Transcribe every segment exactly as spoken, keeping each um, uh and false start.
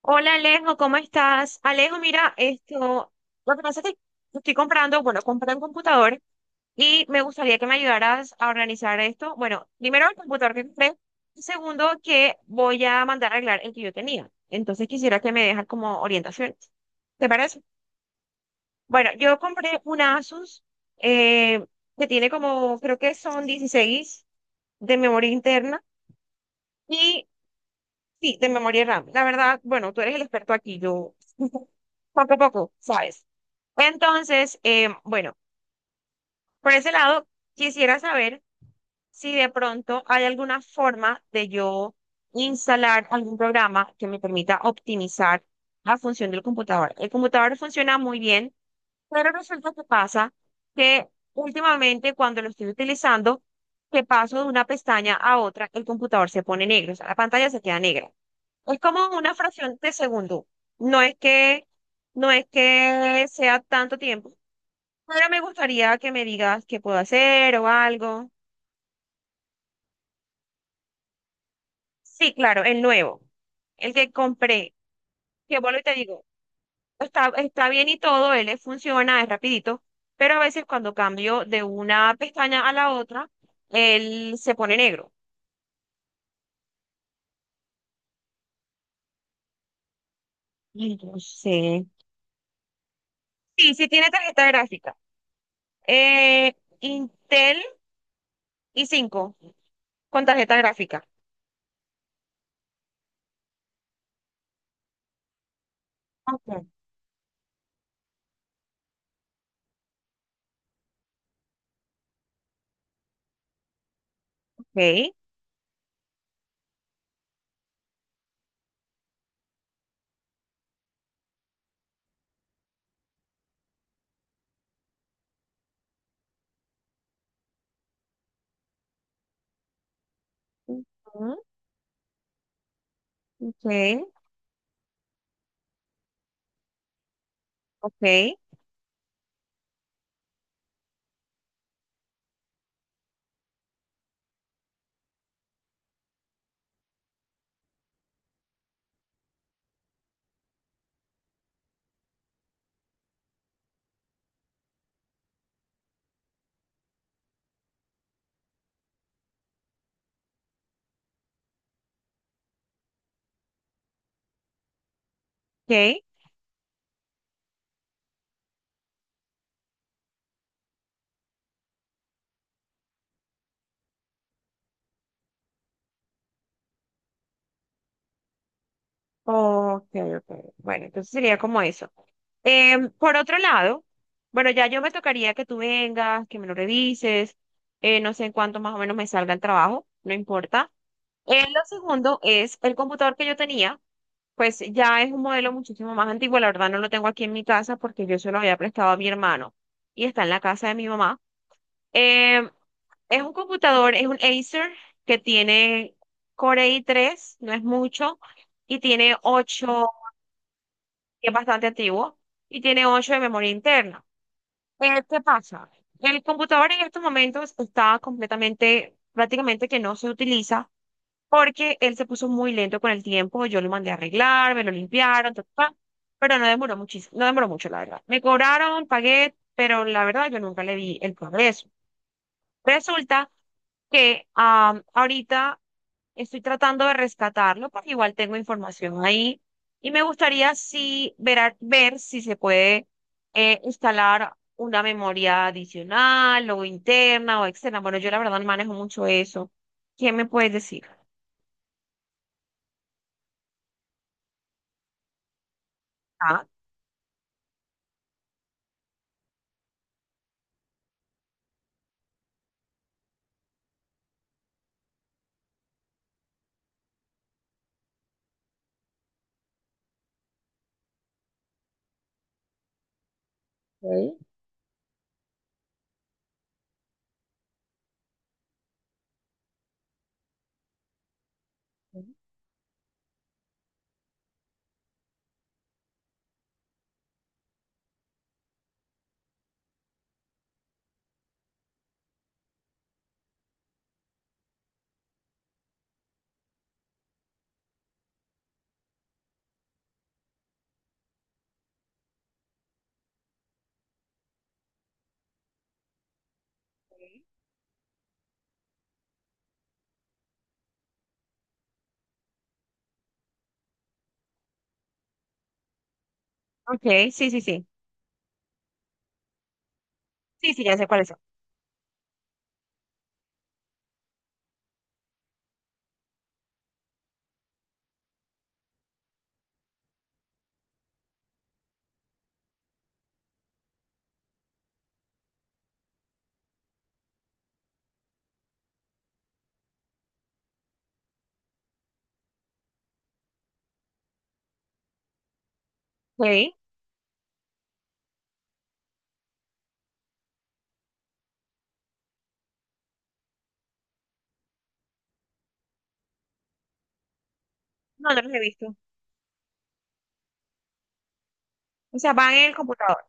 Hola Alejo, ¿cómo estás? Alejo, mira, esto, lo que pasa es que estoy comprando, bueno, compré un computador y me gustaría que me ayudaras a organizar esto. Bueno, primero el computador que compré, y segundo que voy a mandar a arreglar el que yo tenía. Entonces quisiera que me dejas como orientaciones. ¿Te parece? Bueno, yo compré un Asus eh, que tiene como, creo que son dieciséis de memoria interna. Y Sí, de memoria RAM. La verdad, bueno, tú eres el experto aquí, yo poco a poco, ¿sabes? Entonces, eh, bueno, por ese lado, quisiera saber si de pronto hay alguna forma de yo instalar algún programa que me permita optimizar la función del computador. El computador funciona muy bien. Pero resulta que pasa que últimamente cuando lo estoy utilizando, que paso de una pestaña a otra, el computador se pone negro, o sea, la pantalla se queda negra. Es como una fracción de segundo. No es que, no es que sea tanto tiempo, pero me gustaría que me digas qué puedo hacer o algo. Sí, claro, el nuevo, el que compré, que vuelvo y te digo, está, está bien y todo, él le funciona, es rapidito, pero a veces cuando cambio de una pestaña a la otra, él se pone negro. Entonces, sí, sí tiene tarjeta gráfica. Eh, Intel i cinco con tarjeta gráfica. Ok. Ok. Ujú. Ok. Ok. Ok. Ok, ok. Bueno, entonces sería como eso. Em, por otro lado, bueno, ya yo me tocaría que tú vengas, que me lo revises, eh, no sé en cuánto más o menos me salga el trabajo, no importa. Eh, lo segundo es el computador que yo tenía, pues ya es un modelo muchísimo más antiguo, la verdad no lo tengo aquí en mi casa porque yo se lo había prestado a mi hermano y está en la casa de mi mamá. Eh, es un computador, es un Acer que tiene Core i tres, no es mucho, y tiene ocho que es bastante antiguo, y tiene ocho de memoria interna. Eh, ¿qué pasa? El computador en estos momentos está completamente, prácticamente que no se utiliza porque él se puso muy lento con el tiempo, yo lo mandé a arreglar, me lo limpiaron, ta, ta, ta, pero no demoró muchísimo, no demoró mucho, la verdad. Me cobraron, pagué, pero la verdad yo nunca le vi el progreso. Resulta que am, ahorita estoy tratando de rescatarlo, porque igual tengo información ahí y me gustaría sí ver, a- ver si se puede eh, instalar una memoria adicional o interna o externa. Bueno, yo la verdad no manejo mucho eso. ¿Qué me puedes decir? Ah, Ok. Ok, sí, sí, sí. Sí, sí, ya sé cuáles son. Ok, no, no los he visto. O sea, van en el computador.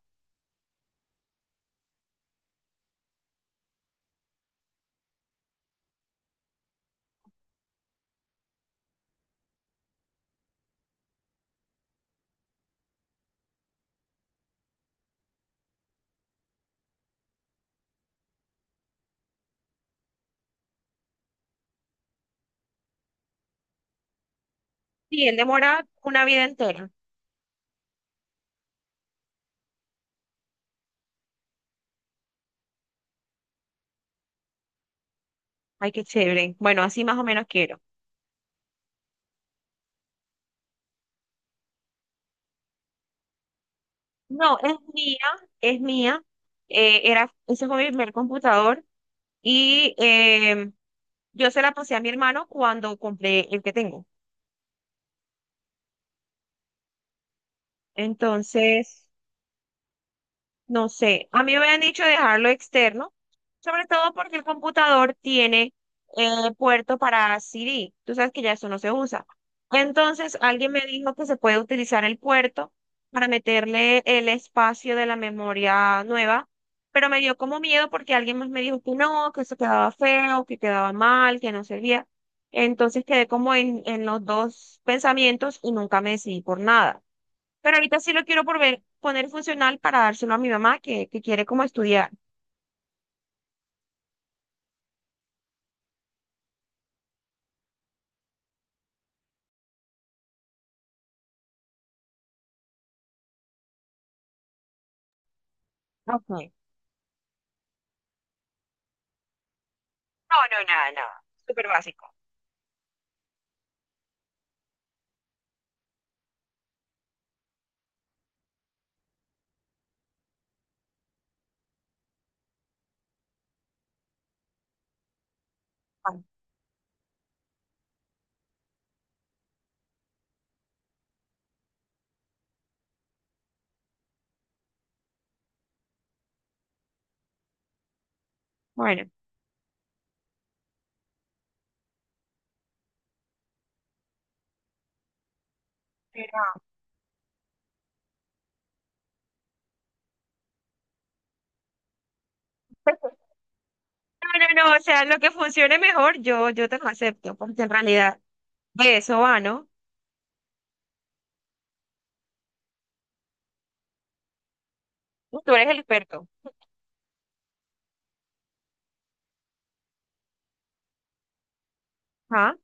Sí, él demora una vida entera. Ay, qué chévere. Bueno, así más o menos quiero. No, es mía, es mía. Eh, era, ese fue mi primer computador y em, yo se la pasé a mi hermano cuando compré el que tengo. Entonces, no sé, a mí me habían dicho dejarlo externo, sobre todo porque el computador tiene eh, puerto para C D. Tú sabes que ya eso no se usa. Entonces, alguien me dijo que se puede utilizar el puerto para meterle el espacio de la memoria nueva, pero me dio como miedo porque alguien más me dijo que no, que eso quedaba feo, que quedaba mal, que no servía. Entonces quedé como en, en los dos pensamientos y nunca me decidí por nada. Pero ahorita sí lo quiero por ver- poner funcional para dárselo a mi mamá que, que quiere como estudiar. Ok. No, no, nada, nada. Súper básico. Ah, bueno. Pero... No, no, no, o sea, lo que funcione mejor, yo, yo te lo acepto, porque en realidad de eso va, ¿no? Tú eres el experto. ¿Ah?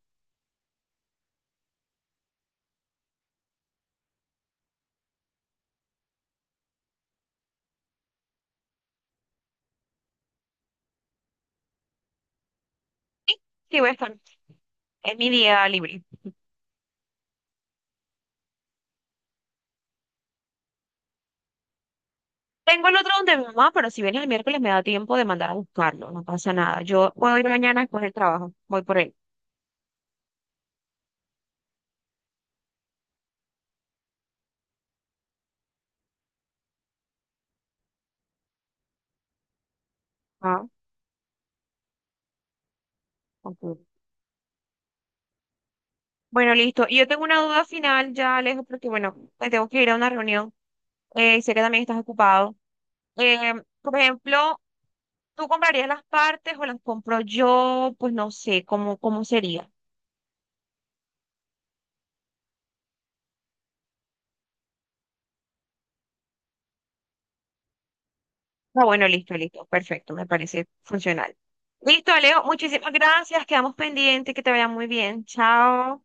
Sí, sí voy a estar. Es mi día libre. Tengo el otro donde mi mamá, pero si vienes el miércoles me da tiempo de mandar a buscarlo, no pasa nada. Yo puedo ir mañana después del trabajo, voy por él. ¿Ah? Ok, bueno, listo. Y yo tengo una duda final ya, Alejo, porque bueno, me tengo que ir a una reunión. Eh, sé que también estás ocupado. Eh, por ejemplo, ¿tú comprarías las partes o las compro yo? Pues no sé, ¿cómo, cómo sería? Ah, bueno, listo, listo. Perfecto, me parece funcional. Listo, Alejo, muchísimas gracias. Quedamos pendientes, que te vaya muy bien. Chao.